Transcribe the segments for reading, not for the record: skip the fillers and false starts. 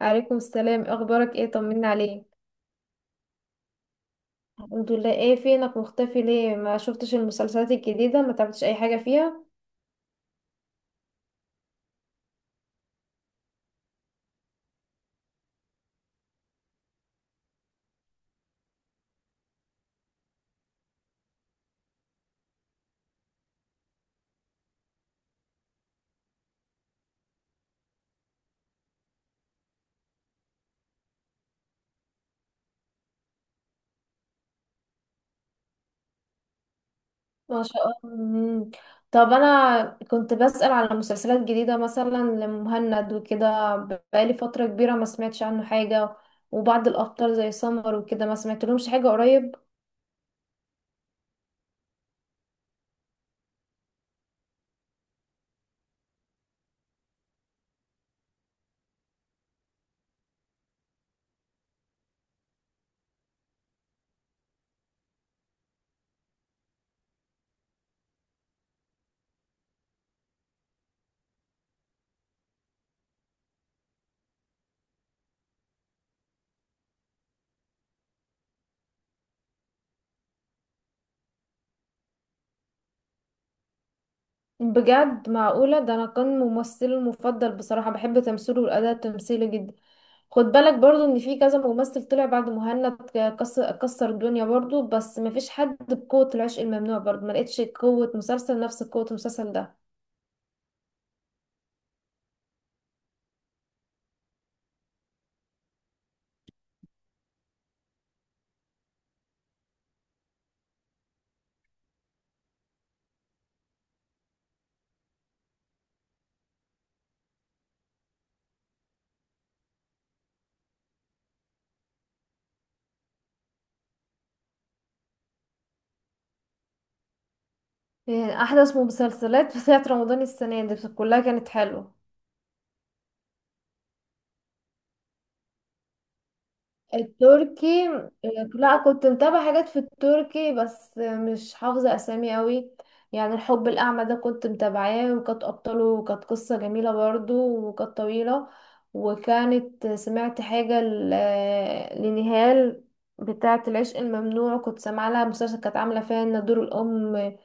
عليكم السلام، إيه اخبارك؟ ايه طمنا عليك. الحمد لله. ايه فينك مختفي؟ ليه ما شفتش المسلسلات الجديدة؟ ما تعبتش اي حاجة فيها؟ ما شاء الله. مم. طب انا كنت بسأل على مسلسلات جديدة مثلا لمهند وكده، بقالي فترة كبيرة ما سمعتش عنه حاجة. وبعض الابطال زي سمر وكده ما سمعتلهمش حاجة قريب. بجد؟ معقولة؟ ده انا كان ممثلي المفضل بصراحة، بحب تمثيله والاداء التمثيلي جدا. خد بالك برضو ان في كذا ممثل طلع بعد مهند، كسر الدنيا برضو، بس مفيش حد بقوة العشق الممنوع. برضو ما لقيتش قوة مسلسل نفس قوة المسلسل ده. يعني احدث مسلسلات بتاعت رمضان السنة دي كلها كانت حلوة. التركي، لا، كنت متابعة حاجات في التركي، بس مش حافظة أسامي قوي. يعني الحب الأعمى ده كنت متابعاه، وكانت أبطاله، وكانت قصة جميلة برضو، وكانت طويلة. وكانت سمعت حاجة لنهال بتاعة العشق الممنوع، كنت سامعة لها مسلسل كانت عاملة فيها إن دور الأم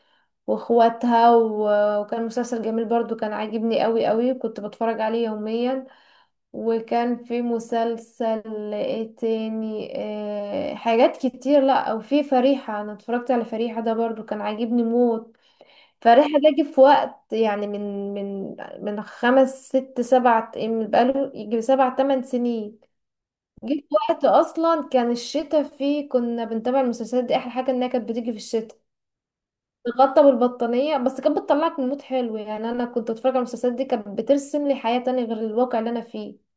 واخواتها، وكان مسلسل جميل برضو، كان عاجبني قوي قوي، كنت بتفرج عليه يوميا. وكان في مسلسل ايه تاني؟ آه حاجات كتير. لا، او في فريحة. انا اتفرجت على فريحة ده برضو، كان عاجبني موت. فريحة ده جه في وقت يعني من خمس ست سبع، من بقاله يجي سبع تمن سنين. جه في وقت اصلا كان الشتاء فيه، كنا بنتابع المسلسلات دي، احلى حاجة انها كانت بتيجي في الشتاء، تغطى بالبطانية، بس كانت بتطلعك من مود حلو. يعني انا كنت اتفرج على المسلسلات دي، كانت بترسم لي حياة تانية غير الواقع اللي انا فيه.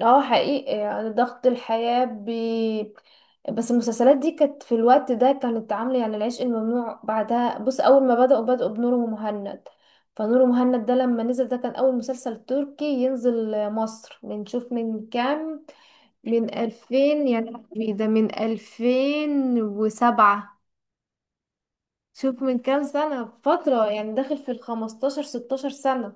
اه حقيقي، يعني ضغط الحياة بس المسلسلات دي كانت في الوقت ده كانت عاملة يعني. العشق الممنوع بعدها، بص، أول ما بدأوا بنور ومهند. فنور ومهند ده لما نزل، ده كان أول مسلسل تركي ينزل مصر، بنشوف من كام، من ألفين، يعني إيه ده، من ألفين وسبعة. شوف من كام سنة، فترة يعني داخل في الخمستاشر ستاشر سنة.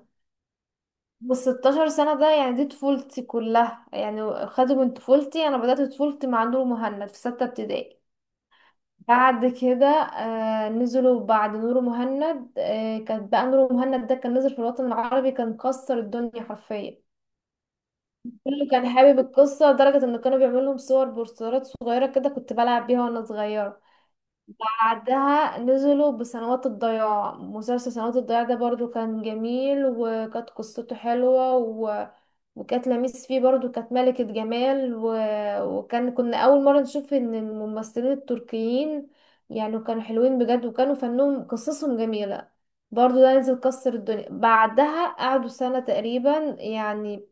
والستاشر سنة ده يعني دي طفولتي كلها يعني، خدوا من طفولتي. أنا بدأت طفولتي مع نور مهند في ستة ابتدائي. بعد كده نزلوا بعد نور مهند، كانت بقى نور مهند ده كان نزل في الوطن العربي، كان كسر الدنيا حرفيا. كله كان حابب القصة لدرجة إن كانوا بيعملوا لهم صور بوسترات صغيرة كده، كنت بلعب بيها وأنا صغيرة. بعدها نزلوا بسنوات الضياع، مسلسل سنوات الضياع ده برضو كان جميل، وكانت قصته حلوة وكانت لميس فيه برضو، كانت ملكة جمال وكان كنا أول مرة نشوف إن الممثلين التركيين يعني كانوا حلوين بجد، وكانوا فنهم قصصهم جميلة. برضو ده نزل، كسر الدنيا. بعدها قعدوا سنة تقريبا يعني،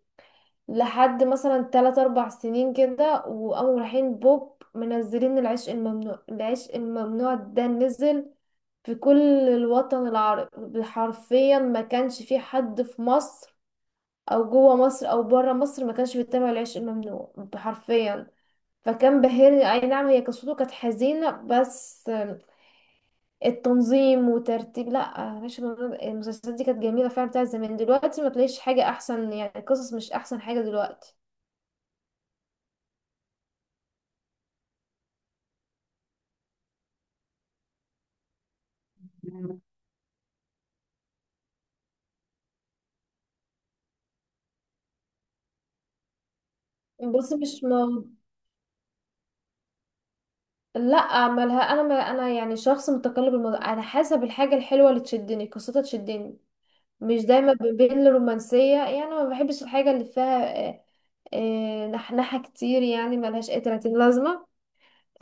لحد مثلا تلات أربع سنين كده، وقاموا رايحين بوب منزلين العشق الممنوع. العشق الممنوع ده نزل في كل الوطن العربي حرفيا، ما كانش في حد في مصر أو جوه مصر أو بره مصر ما كانش بيتابع العشق الممنوع حرفيا. فكان بهرني، أي نعم هي قصته كانت حزينة، بس التنظيم وترتيب، لا العشق الممنوع، المسلسلات دي كانت جميلة فعلا بتاعت زمان. دلوقتي ما تلاقيش حاجة أحسن، يعني القصص مش أحسن حاجة دلوقتي. بص مش موضوع، لا مالها انا، ما انا يعني شخص متقلب، الموضوع على حسب الحاجه الحلوه اللي تشدني، قصتها تشدني، مش دايما بين الرومانسيه. يعني ما بحبش الحاجه اللي فيها نحنحه كتير، يعني ملهاش اي 30 لازمه.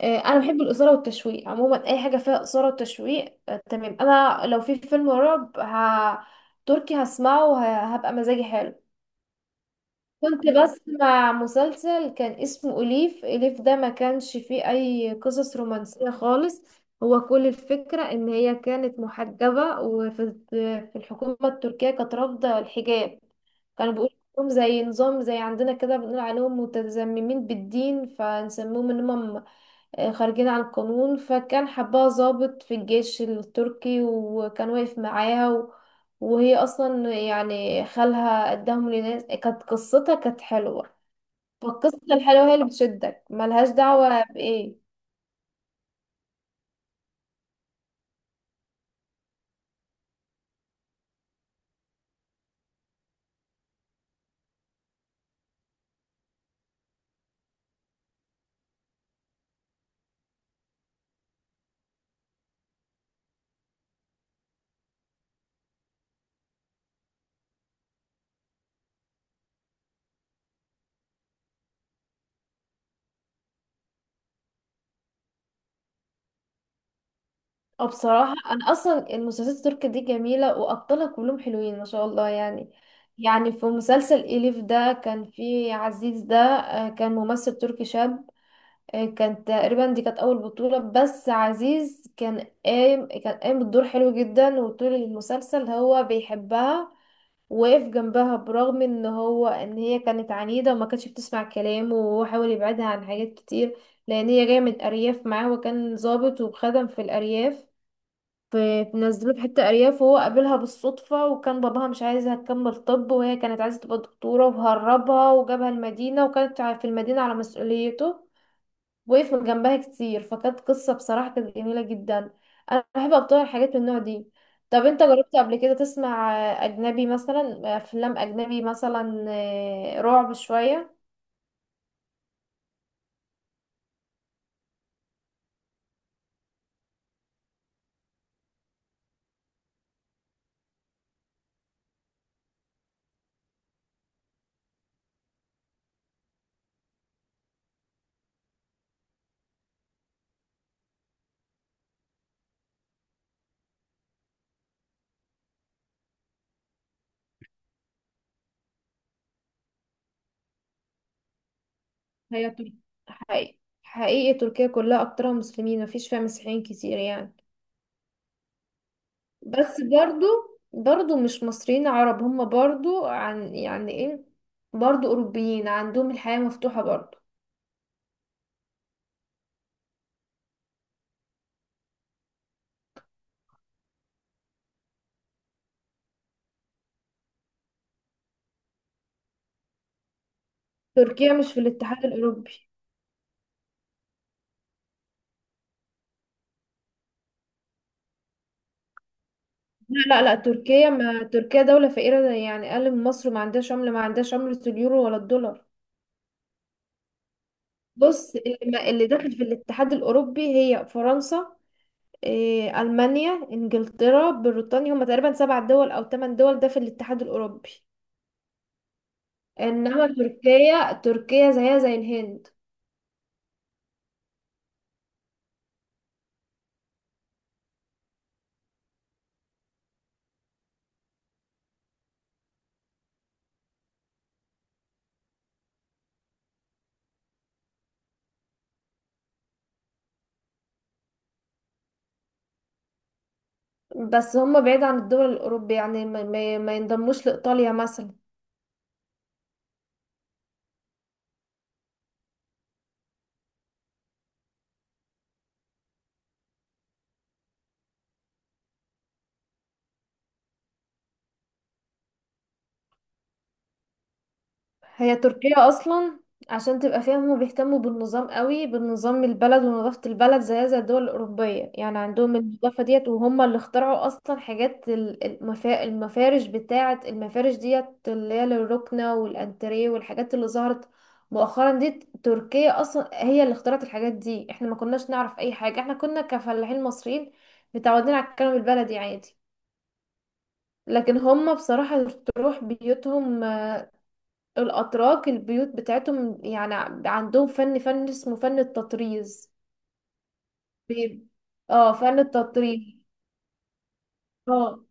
انا بحب الاثاره والتشويق عموما، اي حاجه فيها اثاره وتشويق تمام. انا لو في فيلم رعب تركي هسمعه وهبقى مزاجي حلو. كنت بسمع مسلسل كان اسمه أليف. أليف ده ما كانش فيه أي قصص رومانسية خالص، هو كل الفكرة إن هي كانت محجبة، وفي الحكومة التركية كانت رافضة الحجاب. كانوا بيقولوا إنهم زي نظام زي عندنا كده، بنقول عليهم متزممين بالدين، فنسموهم إن هم خارجين عن القانون. فكان حبها ضابط في الجيش التركي، وكان واقف معاها وهي اصلا يعني خالها قدامهم لناس، كانت قصتها كانت حلوة. فالقصة الحلوة هي اللي بتشدك، ملهاش دعوة بإيه. أو بصراحة أنا أصلا المسلسلات التركية دي جميلة وأبطالها كلهم حلوين ما شاء الله يعني. يعني في مسلسل إليف ده كان فيه عزيز ده، كان ممثل تركي شاب، كانت تقريبا دي كانت اول بطولة، بس عزيز كان قايم بالدور حلو جدا. وطول المسلسل هو بيحبها، وقف جنبها، برغم ان هو ان هي كانت عنيدة وما كانتش بتسمع كلامه، وهو حاول يبعدها عن حاجات كتير لان هي جاية من الارياف معاه، وكان ضابط وخدم في الارياف، في نزلوه في حتة ارياف، وهو قابلها بالصدفة، وكان باباها مش عايزها تكمل طب، وهي كانت عايزة تبقى دكتورة، وهربها وجابها المدينة، وكانت في المدينة على مسؤوليته، وقف من جنبها كتير. فكانت قصة بصراحة كانت جميلة جدا. أنا بحب أبطل الحاجات من النوع دي. طب أنت جربت قبل كده تسمع أجنبي، مثلا أفلام أجنبي، مثلا رعب شوية؟ هي تر- حقيقي حقيقي تركيا كلها أكترها مسلمين، مفيش فيها مسيحيين كتير يعني. بس برضو برضو مش مصريين عرب هم، برضو عن يعني إيه، برضو أوروبيين، عندهم الحياة مفتوحة برضو. تركيا مش في الاتحاد الأوروبي. لا لا لا، تركيا، ما تركيا دولة فقيرة زي يعني أقل من مصر، ما عندهاش عملة، ما عندهاش عملة اليورو ولا الدولار. بص اللي, ما اللي داخل في الاتحاد الأوروبي هي فرنسا، ألمانيا، إنجلترا، بريطانيا، هما تقريبا سبع دول أو ثمان دول ده في الاتحاد الأوروبي. إنما تركيا زيها زي الهند. بس هما بعيد عن الدول الأوروبية، يعني ما ينضموش لإيطاليا مثلا. هي تركيا اصلا، عشان تبقى فاهم، هما بيهتموا بالنظام قوي، بالنظام البلد ونظافة البلد، زي الدول الأوروبية، يعني عندهم النظافة ديت، وهم اللي اخترعوا اصلا حاجات المفارش، بتاعة المفارش ديت اللي هي للركنة والانتريه والحاجات اللي ظهرت مؤخرا دي. تركيا اصلا هي اللي اخترعت الحاجات دي. احنا ما كناش نعرف اي حاجة، احنا كنا كفلاحين مصريين متعودين على الكلام البلدي عادي. لكن هم بصراحة، تروح بيوتهم الأتراك، البيوت بتاعتهم يعني عندهم فن اسمه فن التطريز. بي- اه فن التطريز. اه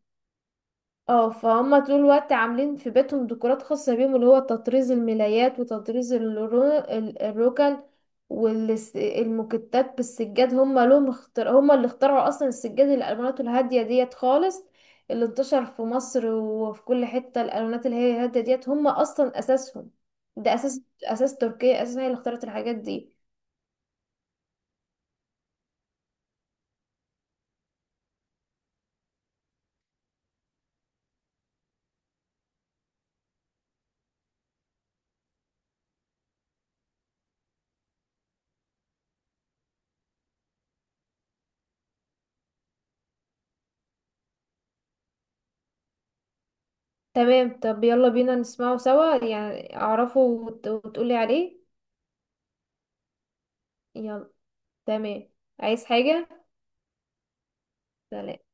اه، فهم طول الوقت عاملين في بيتهم ديكورات خاصة بيهم، اللي هو تطريز الملايات وتطريز الركن، والموكيتات بالسجاد. هم لهم هم اللي اخترعوا اصلا السجاد، الالوانات الهادية ديت خالص اللي انتشر في مصر وفي كل حتة، الالوانات اللي هي هادية ديت هم اصلا اساسهم. ده اساس تركيا اساسا هي اللي اخترعت الحاجات دي. تمام. طب يلا بينا نسمعه سوا، يعني اعرفه وتقولي عليه. يلا. تمام. عايز حاجة؟ سلام.